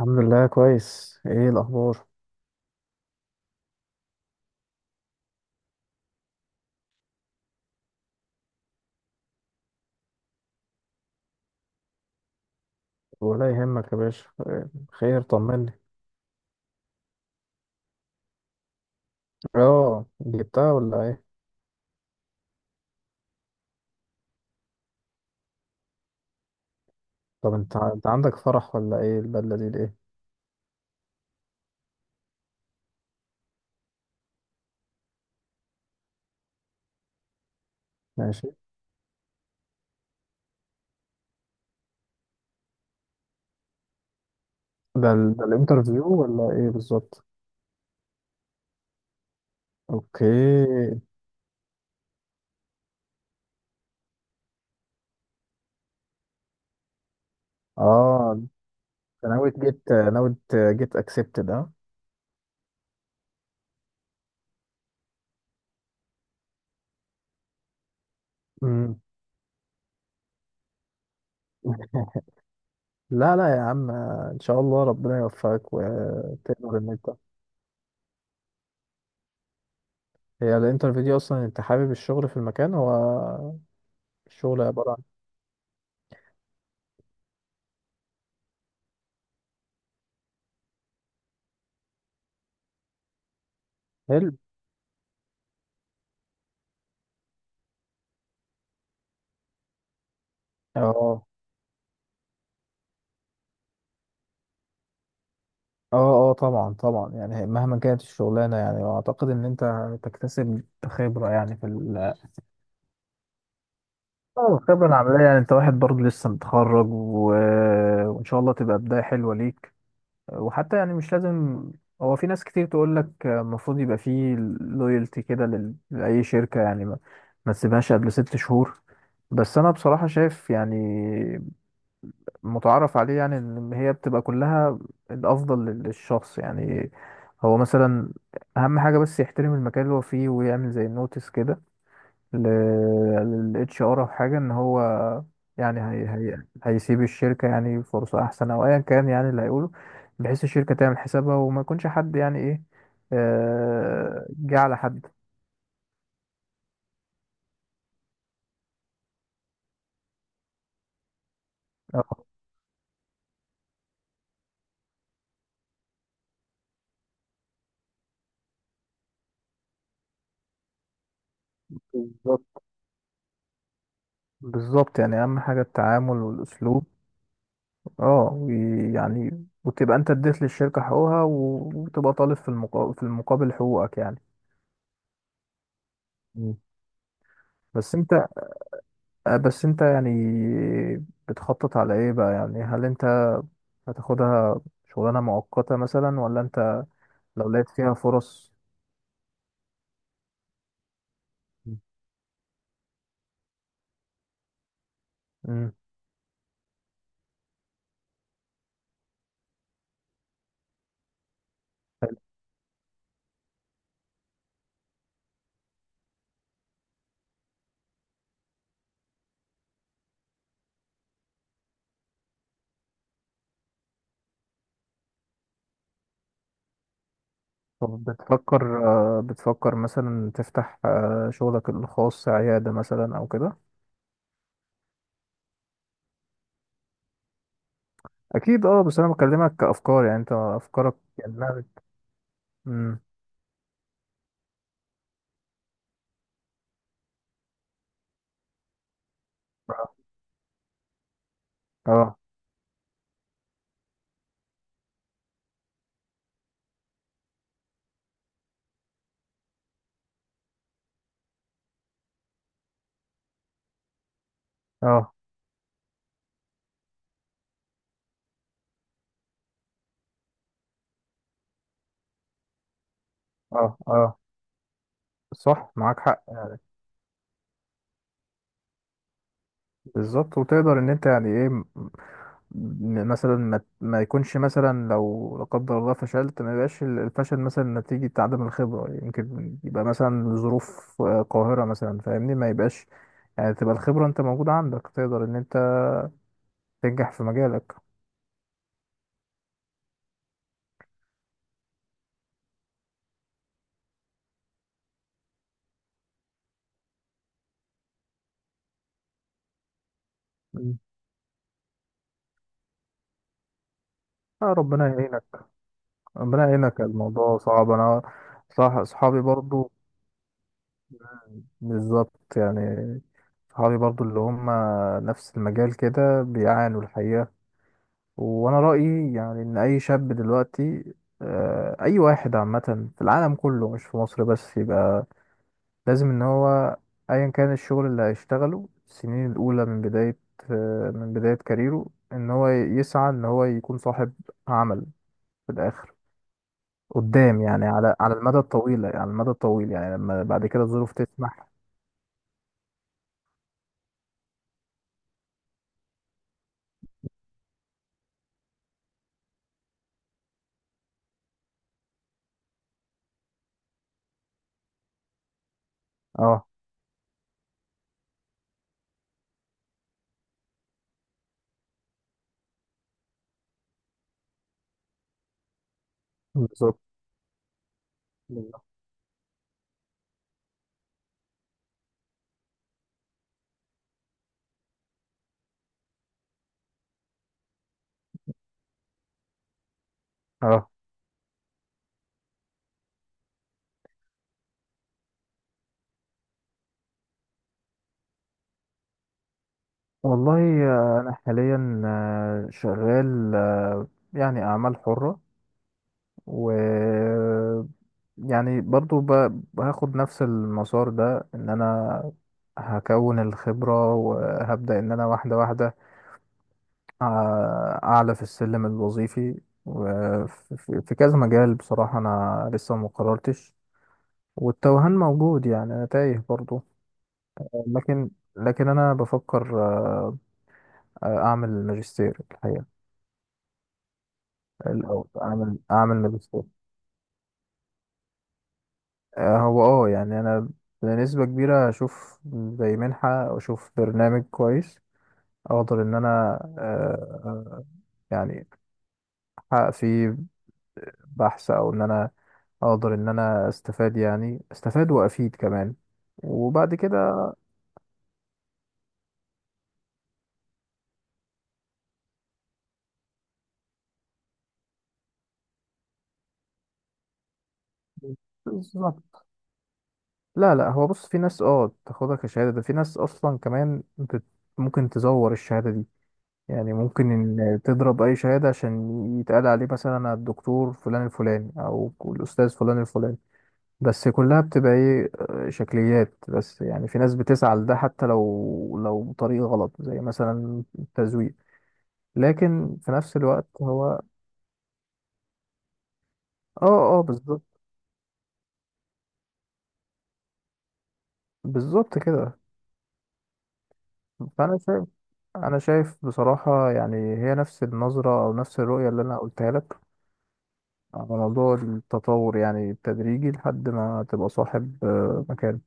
الحمد لله، كويس. ايه الاخبار؟ ولا يهمك يا باشا. إيه؟ خير؟ طمني. اه، جبتها ولا ايه؟ طب انت عندك فرح ولا ايه؟ البدله دي ليه؟ ماشي. ده الانترفيو ولا ايه بالظبط؟ اوكي. اه، انت ناوي جيت اكسبتد، اه. امم. لا، لا يا عم، ان شاء الله ربنا يوفقك وتقدر ان انت... هي الانترفيو دي اصلا انت حابب الشغل في المكان؟ هو الشغل عباره عن... حلو. اه، اه، اه، طبعا طبعا. يعني مهما كانت الشغلانه، يعني اعتقد ان انت تكتسب خبره يعني في ال... اه، الخبره العمليه. يعني انت واحد برضه لسه متخرج، و... وان شاء الله تبقى بدايه حلوه ليك. وحتى يعني مش لازم. هو في ناس كتير تقول لك المفروض يبقى فيه لويالتي كده لاي شركه، يعني ما تسيبهاش قبل 6 شهور. بس انا بصراحه شايف يعني متعارف عليه، يعني ان هي بتبقى كلها الافضل للشخص يعني. هو مثلا اهم حاجه بس يحترم المكان اللي هو فيه، ويعمل زي نوتس كده للاتش ار او حاجه، ان هو يعني هي هيسيب الشركه يعني فرصه احسن، او ايا كان يعني اللي هيقوله، بحيث الشركه تعمل حسابها وما يكونش حد يعني ايه جه على حد. آه، بالظبط، بالظبط. يعني اهم حاجه التعامل والاسلوب. اه، ويعني وتبقى انت اديت للشركة حقوقها، و- وتبقى طالب في المقابل، حقوقك يعني. مم. بس انت بس انت يعني بتخطط على ايه بقى؟ يعني هل انت هتاخدها شغلانة مؤقتة مثلا، ولا انت لو لقيت فيها فرص. مم. مم. حلو. طب بتفكر، بتفكر مثلا تفتح شغلك الخاص، عيادة مثلا او كده؟ اكيد. اه، بس انا بكلمك كافكار، يعني انت افكارك يعني. مم. اه، اه، اه، اه، آه. صح، معاك حق. بالظبط، وتقدر ان انت يعني ايه مثلا ما يكونش، مثلا لو لا قدر الله فشلت، ما يبقاش الفشل مثلا نتيجة عدم الخبرة. يمكن يبقى مثلا ظروف قاهرة مثلا، فاهمني؟ ما يبقاش يعني. تبقى الخبرة انت موجودة عندك، تقدر ان انت تنجح في مجالك. مم. آه، ربنا يعينك. ربنا يعينك، الموضوع صعب. انا صح، اصحابي برضو. بالظبط يعني، صحابي برضو اللي هم نفس المجال كده بيعانوا الحقيقة. وانا رأيي يعني ان اي شاب دلوقتي، اي واحد عامة في العالم كله مش في مصر بس، يبقى لازم ان هو ايا كان الشغل اللي هيشتغله السنين الاولى من بداية، كاريره، ان هو يسعى ان هو يكون صاحب عمل في الاخر، قدام يعني، على المدى الطويل، على المدى الطويل، يعني لما بعد كده الظروف تسمح. اه، بالظبط بالظبط. اه، والله. انا حاليا شغال، يعني اعمال حرة، و... يعني برضو هاخد نفس المسار ده، ان انا هكون الخبرة وهبدأ ان انا واحدة واحدة أع- اعلى في السلم الوظيفي، وفي في كذا مجال بصراحة. انا لسه ما قررتش، والتوهان موجود يعني، انا تايه برضو. لكن لكن انا بفكر اعمل ماجستير الحقيقة. الاول اعمل ماجستير. هو يعني انا بنسبة كبيرة اشوف زي منحة، او اشوف برنامج كويس اقدر ان انا آه، يعني احقق فيه بحث، او ان انا اقدر ان انا استفاد، يعني استفاد وافيد كمان، وبعد كده... بالظبط. لا، لا هو بص. في ناس تاخدها كشهادة، ده في ناس اصلا كمان ممكن تزور الشهادة دي. يعني ممكن إن تضرب أي شهادة عشان يتقال عليه مثلا الدكتور فلان الفلاني، أو الأستاذ فلان الفلاني، بس كلها بتبقى إيه، شكليات بس. يعني في ناس بتسعى لده حتى لو بطريقة غلط، زي مثلا التزوير. لكن في نفس الوقت هو، اه، اه، بالظبط، بالظبط كده. فأنا شايف أنا شايف بصراحة، يعني هي نفس النظرة أو نفس الرؤية اللي أنا قلتها لك على موضوع التطور، يعني التدريجي، لحد ما تبقى صاحب مكان.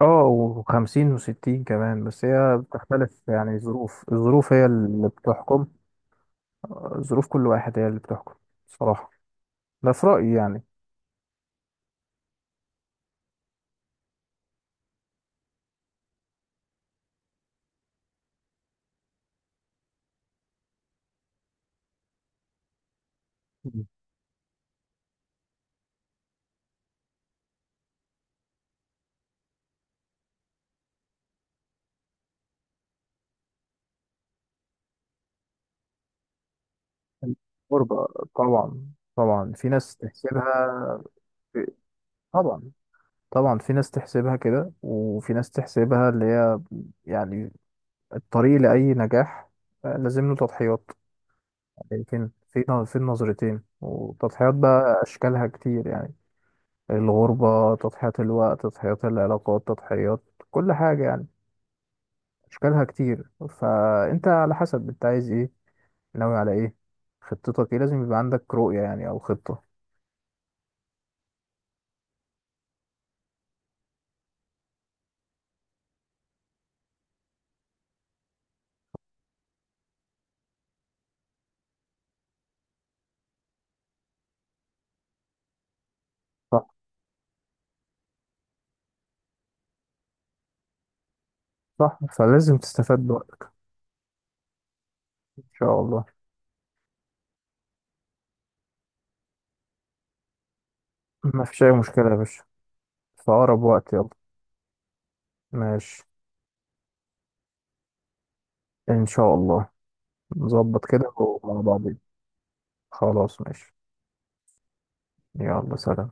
اه، وخمسين وستين كمان، بس هي بتختلف يعني، الظروف هي اللي بتحكم. ظروف كل واحد هي اللي بتحكم، بصراحة، ده في رأيي يعني. مم. الغربة. طبعا، طبعا في ناس تحسبها. في... طبعا، طبعا في ناس تحسبها كده، وفي ناس تحسبها اللي هي يعني الطريق لأي نجاح، لازم له تضحيات. يعني فين، في النظرتين، وتضحيات بقى أشكالها كتير يعني. الغربة تضحية، الوقت تضحيات، العلاقات تضحيات، كل حاجة يعني أشكالها كتير. فأنت على حسب أنت عايز إيه، ناوي على إيه، خطتك إيه. لازم يبقى عندك رؤية يعني، أو خطة. صح، صح، فلازم تستفاد بوقتك. إن شاء الله. ما فيش أي مشكلة يا باشا، في أقرب وقت، يلا. ماشي. إن شاء الله، نظبط كده ومع بعضين. خلاص، ماشي. يلا، سلام.